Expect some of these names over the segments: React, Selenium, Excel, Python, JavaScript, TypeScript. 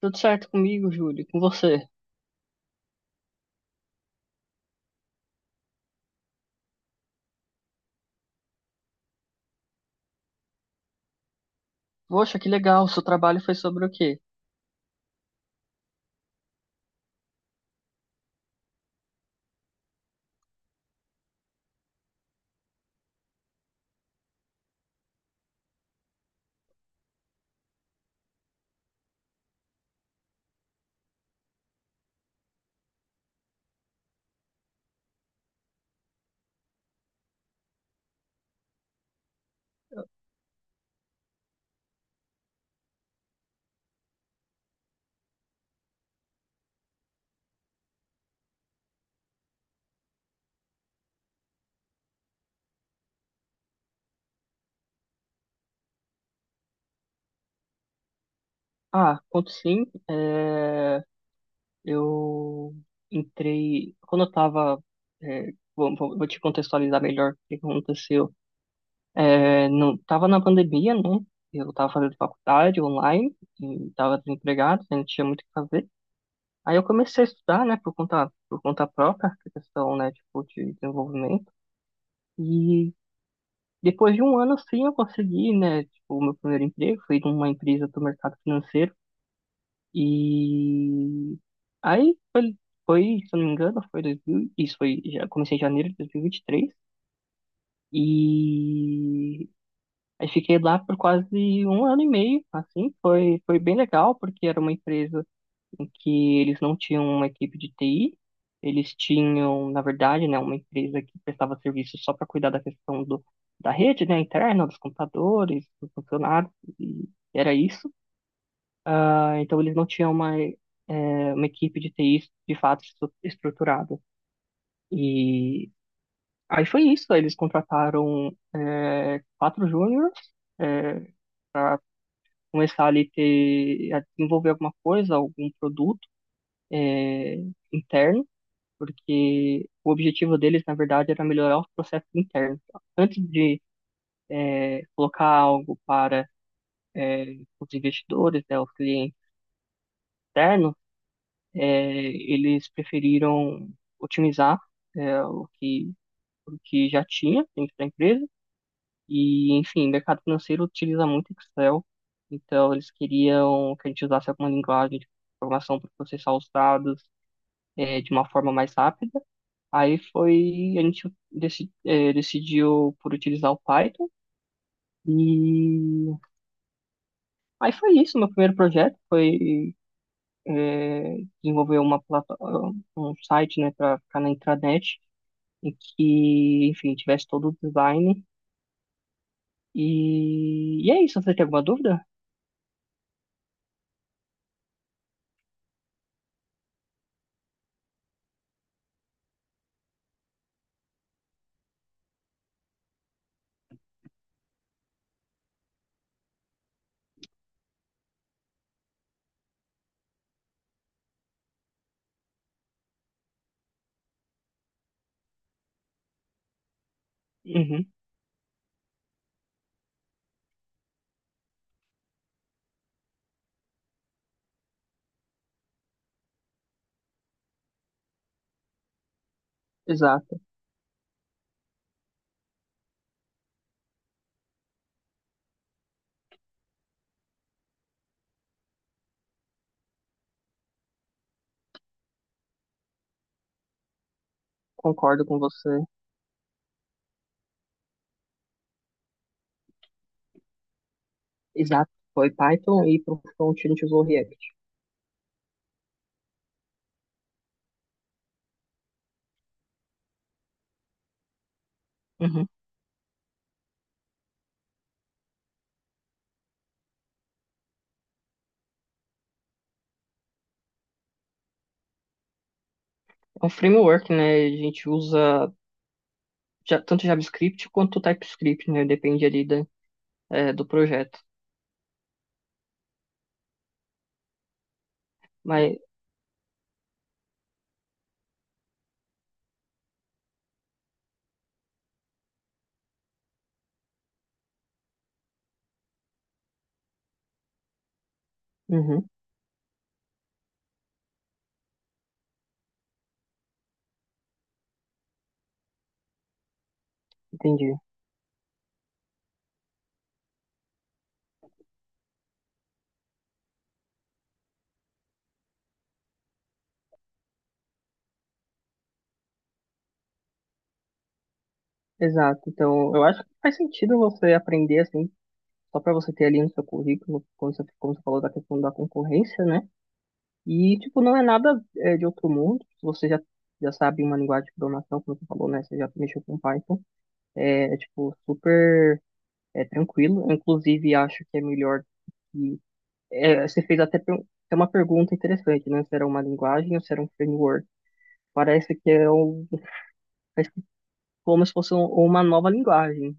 Tudo certo comigo, Júlio, com você? Poxa, que legal, seu trabalho foi sobre o quê? Ah, conto sim, eu entrei, quando eu tava, é, vou, vou- vou te contextualizar melhor o que aconteceu. Não, tava na pandemia, né, eu tava fazendo faculdade online, e tava desempregado, né? Não tinha muito o que fazer, aí eu comecei a estudar, né, por conta própria, essa questão, né, tipo, de desenvolvimento, e depois de um ano, sim, eu consegui, né? Tipo, o meu primeiro emprego foi numa empresa do mercado financeiro. E aí se eu não me engano, foi 2000, isso foi, já comecei em janeiro de 2023. E vinte e três. E aí fiquei lá por quase um ano e meio, assim, foi bem legal, porque era uma empresa em que eles não tinham uma equipe de TI. Eles tinham, na verdade, né, uma empresa que prestava serviço só para cuidar da questão do, da rede, né, interna, dos computadores, dos funcionários, e era isso. Ah, então, eles não tinham uma, uma equipe de TI de fato estruturada. E aí foi isso, eles contrataram quatro júniores para começar a desenvolver alguma coisa, algum produto eh, interno. Porque o objetivo deles, na verdade, era melhorar os processos internos. Antes de colocar algo para é, os investidores, né, os clientes externos, é, eles preferiram otimizar é, o que, o que já tinha dentro da empresa. E, enfim, o mercado financeiro utiliza muito Excel, então eles queriam que a gente usasse alguma linguagem de programação para processar os dados de uma forma mais rápida. A gente decidiu por utilizar o Python, e aí foi isso, meu primeiro projeto foi eh, desenvolver um site, né, para ficar na intranet e que, enfim, tivesse todo o design. E, e é isso, você tem alguma dúvida? Uhum, exato, concordo com você, exato, foi Python e para o front a gente usou React. Uhum. É um framework, né, a gente usa tanto JavaScript quanto TypeScript, né? Depende ali da, do projeto. Mas, uhum, entendi. Exato. Então, eu acho que faz sentido você aprender assim, só para você ter ali no seu currículo, quando você, como você falou da questão da concorrência, né? E, tipo, não é nada de outro mundo. Se você já sabe uma linguagem de programação, como você falou, né? Você já mexeu com Python. Tipo, super tranquilo. Inclusive, acho que é melhor. Que é, você fez até até uma pergunta interessante, né? Se era uma linguagem ou se era um framework. Parece que é um- Parece que é como se fosse uma nova linguagem,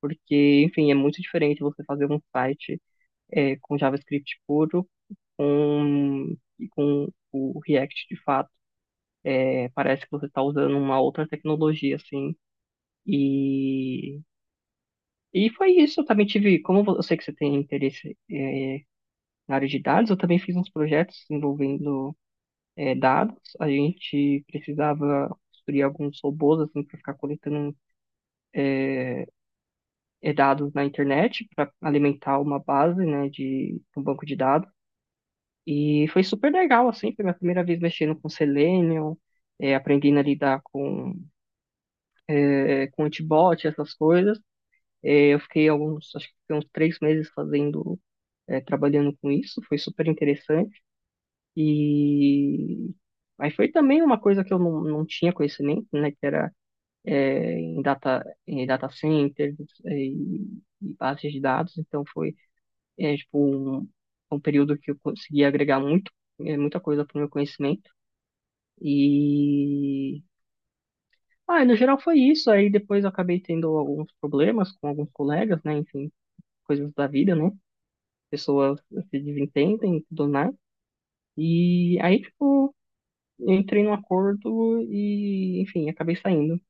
porque, enfim, é muito diferente você fazer um site com JavaScript puro e com o React de fato. É, parece que você está usando uma outra tecnologia, assim. E, e foi isso. Eu também tive, como eu sei que você tem interesse na área de dados, eu também fiz uns projetos envolvendo dados. A gente precisava construir alguns robôs assim para ficar coletando dados na internet para alimentar uma base, né, de um banco de dados. E foi super legal assim, foi minha primeira vez mexendo com Selenium, aprendendo a lidar com com antibot, essas coisas. Eu fiquei acho que fiquei uns três meses trabalhando com isso, foi super interessante. E aí foi também uma coisa que eu não tinha conhecimento, né? Que era em data centers e bases de dados. Então foi tipo um, um período que eu consegui agregar muita coisa para o meu conhecimento. E ah, no geral foi isso. Aí depois eu acabei tendo alguns problemas com alguns colegas, né? Enfim, coisas da vida, né? Pessoas se desentendem e tudo mais. E aí, tipo, eu entrei num acordo e, enfim, acabei saindo.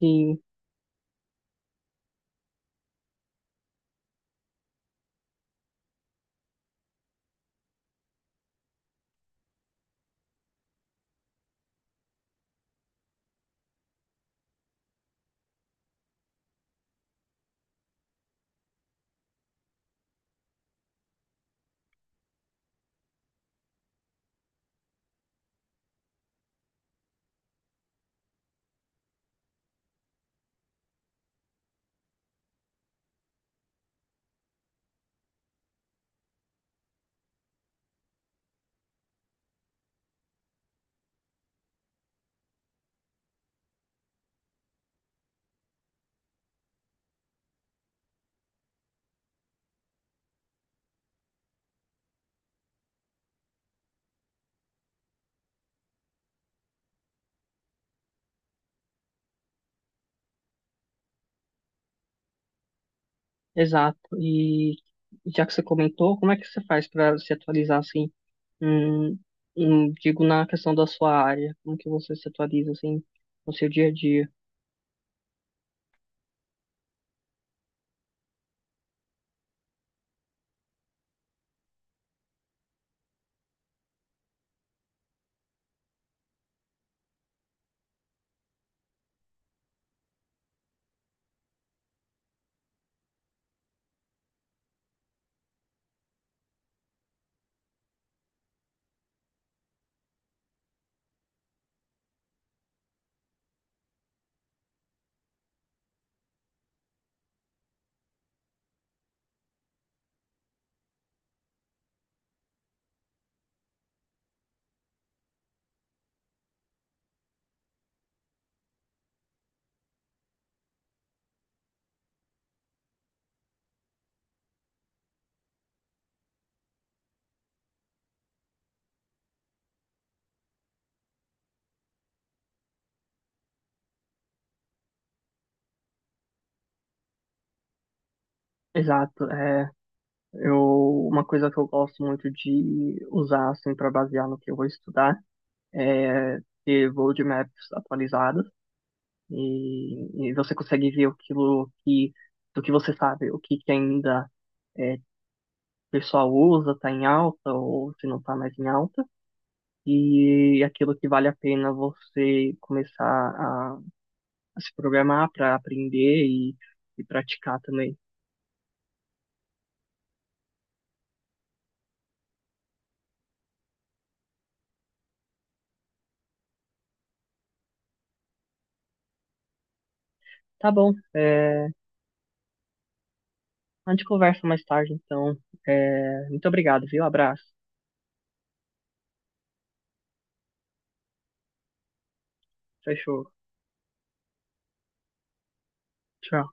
E exato. E já que você comentou, como é que você faz para se atualizar assim? Hum, Digo na questão da sua área, como que você se atualiza assim no seu dia a dia? Exato. Eu, uma coisa que eu gosto muito de usar assim para basear no que eu vou estudar é ter roadmaps atualizadas, e você consegue ver aquilo que do que você sabe, o que que ainda é, o pessoal usa, está em alta ou se não está mais em alta. E aquilo que vale a pena você começar a se programar para aprender e praticar também. Tá bom, é, a gente conversa mais tarde, então. É, muito obrigado, viu? Abraço. Fechou. Tchau.